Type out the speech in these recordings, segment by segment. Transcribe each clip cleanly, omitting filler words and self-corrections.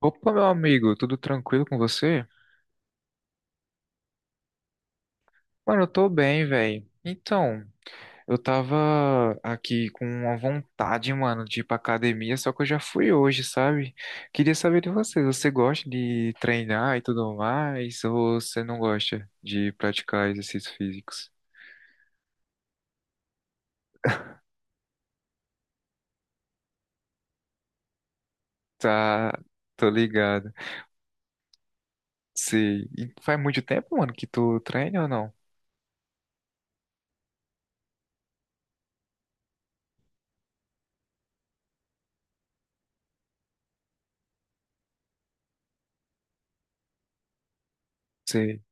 Opa, meu amigo, tudo tranquilo com você? Mano, eu tô bem, velho. Então, eu tava aqui com uma vontade, mano, de ir pra academia, só que eu já fui hoje, sabe? Queria saber de você, você gosta de treinar e tudo mais, ou você não gosta de praticar exercícios físicos? Tá, tô ligado. Sei. E faz muito tempo, mano, que tu treina ou não? Sei,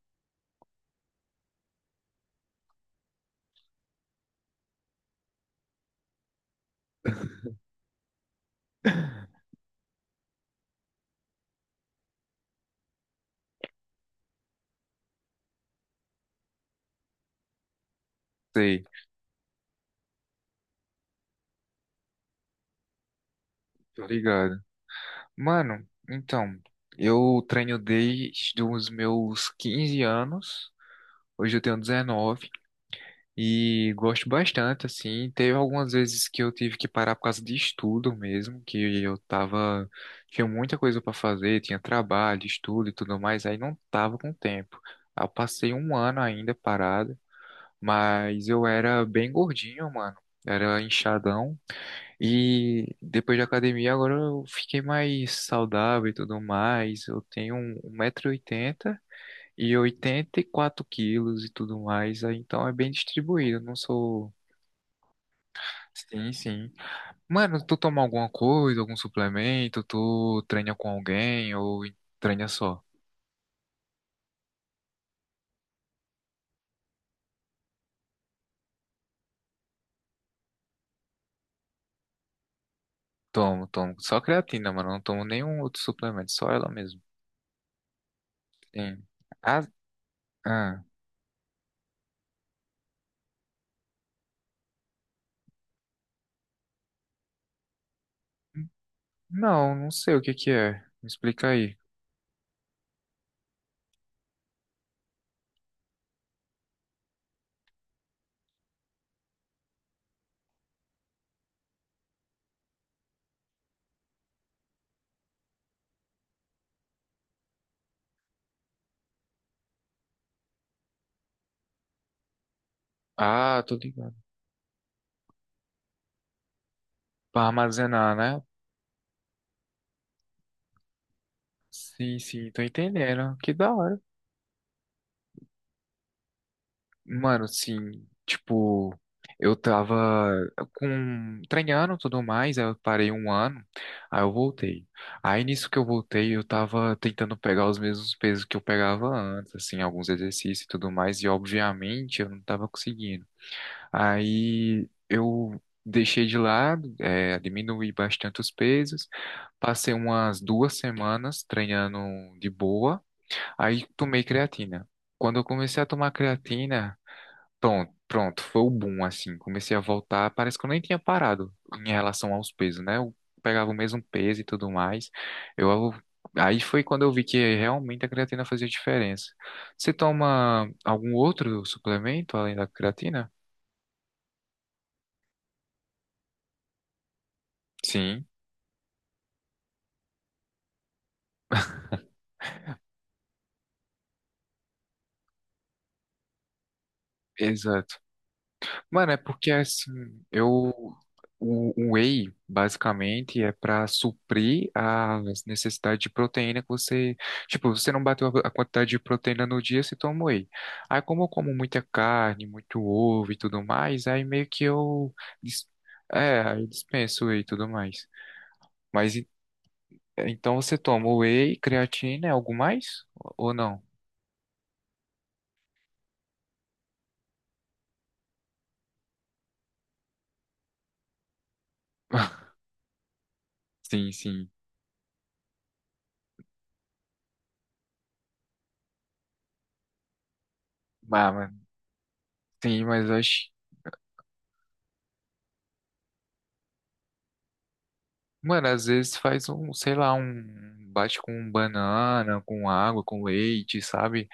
sei, tô ligado. Mano, então, eu treino desde os meus 15 anos, hoje eu tenho 19 e gosto bastante, assim. Teve algumas vezes que eu tive que parar por causa de estudo mesmo, tinha muita coisa pra fazer, tinha trabalho, estudo e tudo mais, aí não tava com tempo. Eu passei um ano ainda parado, mas eu era bem gordinho, mano, era inchadão. E depois da academia, agora eu fiquei mais saudável e tudo mais. Eu tenho um metro e 80, oitenta e 84 quilos e tudo mais. Aí Então é bem distribuído. Eu Não sou. Sim, sim. Mano, tu toma alguma coisa, algum suplemento? Tu treina com alguém ou treina só? Tomo, tomo. Só creatina, mano. Não tomo nenhum outro suplemento, só ela mesmo. Sim. Ah, ah. Não, não sei o que que é. Me explica aí. Ah, tô ligado. Pra armazenar, né? Sim, sim, tô entendendo. Que da hora. Mano, sim, tipo, eu tava com treinando e tudo mais, aí eu parei um ano, aí eu voltei. Aí nisso que eu voltei, eu tava tentando pegar os mesmos pesos que eu pegava antes, assim, alguns exercícios e tudo mais, e obviamente eu não tava conseguindo. Aí eu deixei de lado, diminuí bastante os pesos, passei umas 2 semanas treinando de boa. Aí tomei creatina. Quando eu comecei a tomar creatina, pronto, foi o boom, assim. Comecei a voltar, parece que eu nem tinha parado em relação aos pesos, né? Eu pegava o mesmo peso e tudo mais. Eu, aí foi quando eu vi que realmente a creatina fazia diferença. Você toma algum outro suplemento além da creatina? Sim, exato. Mano, é porque assim, eu o whey basicamente é para suprir as necessidades de proteína que você, tipo, você não bateu a quantidade de proteína no dia, você toma whey. Aí como eu como muita carne, muito ovo e tudo mais, aí meio que eu dis- aí eu dispenso whey e tudo mais. Mas então você toma whey, creatina, é algo mais ou não? Sim, sim. Ah, mano, sim, mas eu acho. Mano, às vezes faz um, sei lá, um bate com banana, com água, com leite, sabe?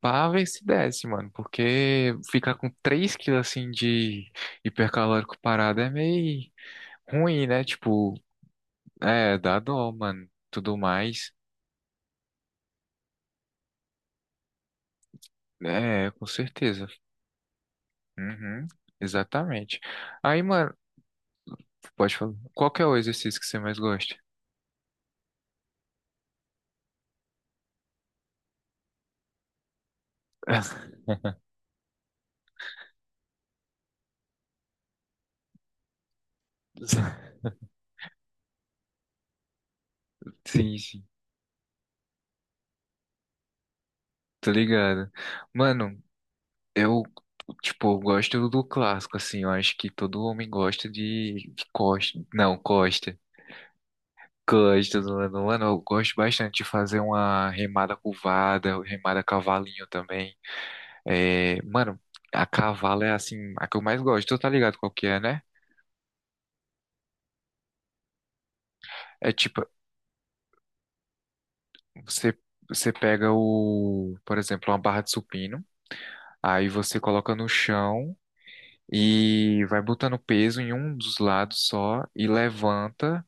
Pra ver se desce, mano. Porque ficar com 3 quilos assim de hipercalórico parado é meio ruim, né? Tipo, é, dá dó, mano. Tudo mais. É, com certeza. Uhum, exatamente. Aí, mano, pode falar. Qual que é o exercício que você mais gosta? Sim, sim. Tô ligado. Mano, Eu, tipo, eu gosto do clássico, assim. Eu acho que todo homem gosta de Costa. Não, Costa. Costa do Lano Lano. Eu gosto bastante de fazer uma remada curvada, remada cavalinho também. É, mano, a cavalo é, assim, a que eu mais gosto. Tu tá ligado qual que é, né? É tipo, você, você pega por exemplo, uma barra de supino. Aí você coloca no chão e vai botando peso em um dos lados só e levanta.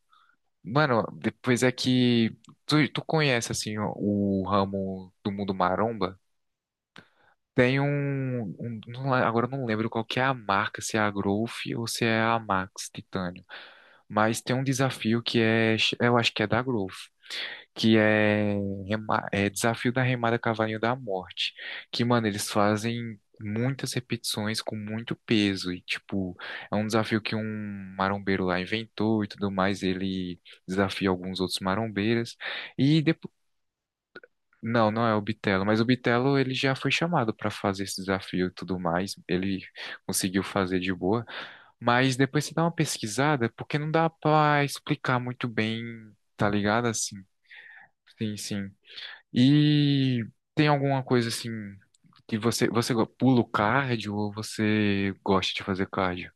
Mano, depois é que tu conhece assim o ramo do mundo maromba? Tem agora eu não lembro qual que é a marca, se é a Growth ou se é a Max Titânio, mas tem um desafio que é, eu acho que é da Growth, que é Desafio da Remada Cavalinho da Morte, que, mano, eles fazem muitas repetições com muito peso e, tipo, é um desafio que um marombeiro lá inventou e tudo mais, ele desafia alguns outros marombeiras e depois. Não, não é o Bitelo, mas o Bitelo ele já foi chamado para fazer esse desafio e tudo mais. Ele conseguiu fazer de boa, mas depois você dá uma pesquisada, porque não dá para explicar muito bem, tá ligado? Assim, sim, sim. E tem alguma coisa assim que pula o cardio ou você gosta de fazer cardio?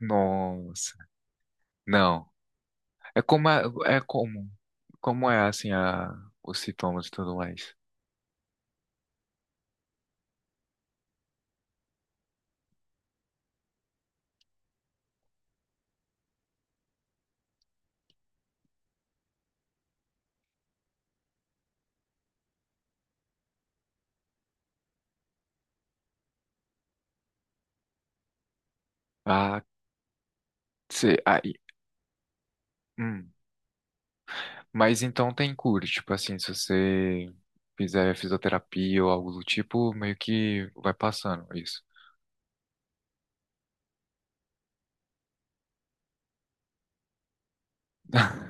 Nossa, não. É como é, é como é assim os sintomas e tudo mais. Ah, você aí, hum. Mas então tem cura, tipo assim, se você fizer fisioterapia ou algo do tipo, meio que vai passando isso.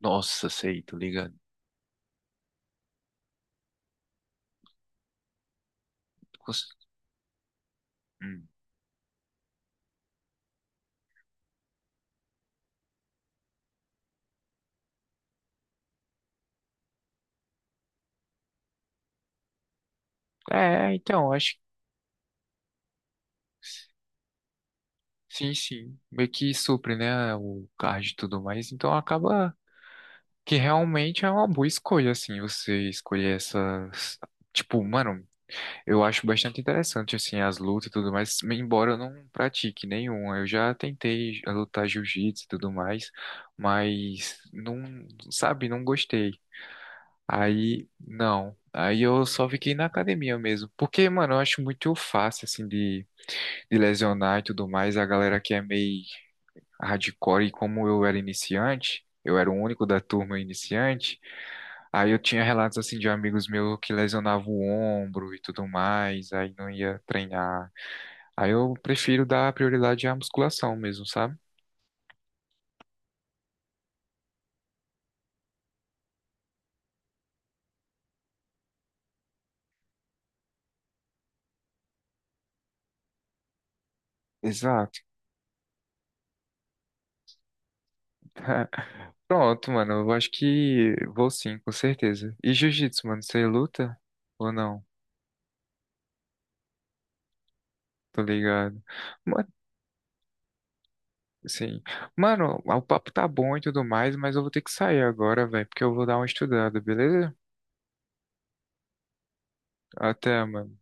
Nossa, sei, tô ligado. Cons- hum. É, então, acho. Sim, sim. Meio que supre, né, o card e tudo mais. Então acaba que realmente é uma boa escolha, assim, você escolher essas. Tipo, mano, eu acho bastante interessante, assim, as lutas e tudo mais, embora eu não pratique nenhuma. Eu já tentei lutar jiu-jitsu e tudo mais, mas não, sabe, não gostei. Aí, não. Aí eu só fiquei na academia mesmo. Porque, mano, eu acho muito fácil, assim, de lesionar e tudo mais. A galera que é meio hardcore e como eu era iniciante, eu era o único da turma iniciante, aí eu tinha relatos assim de amigos meus que lesionavam o ombro e tudo mais, aí não ia treinar. Aí eu prefiro dar prioridade à musculação mesmo, sabe? Exato. Pronto, mano, eu acho que vou sim, com certeza. E jiu-jitsu, mano, você luta ou não? Tô ligado. Mano, sim. Mano, o papo tá bom e tudo mais, mas eu vou ter que sair agora, velho, porque eu vou dar uma estudada, beleza? Até, mano.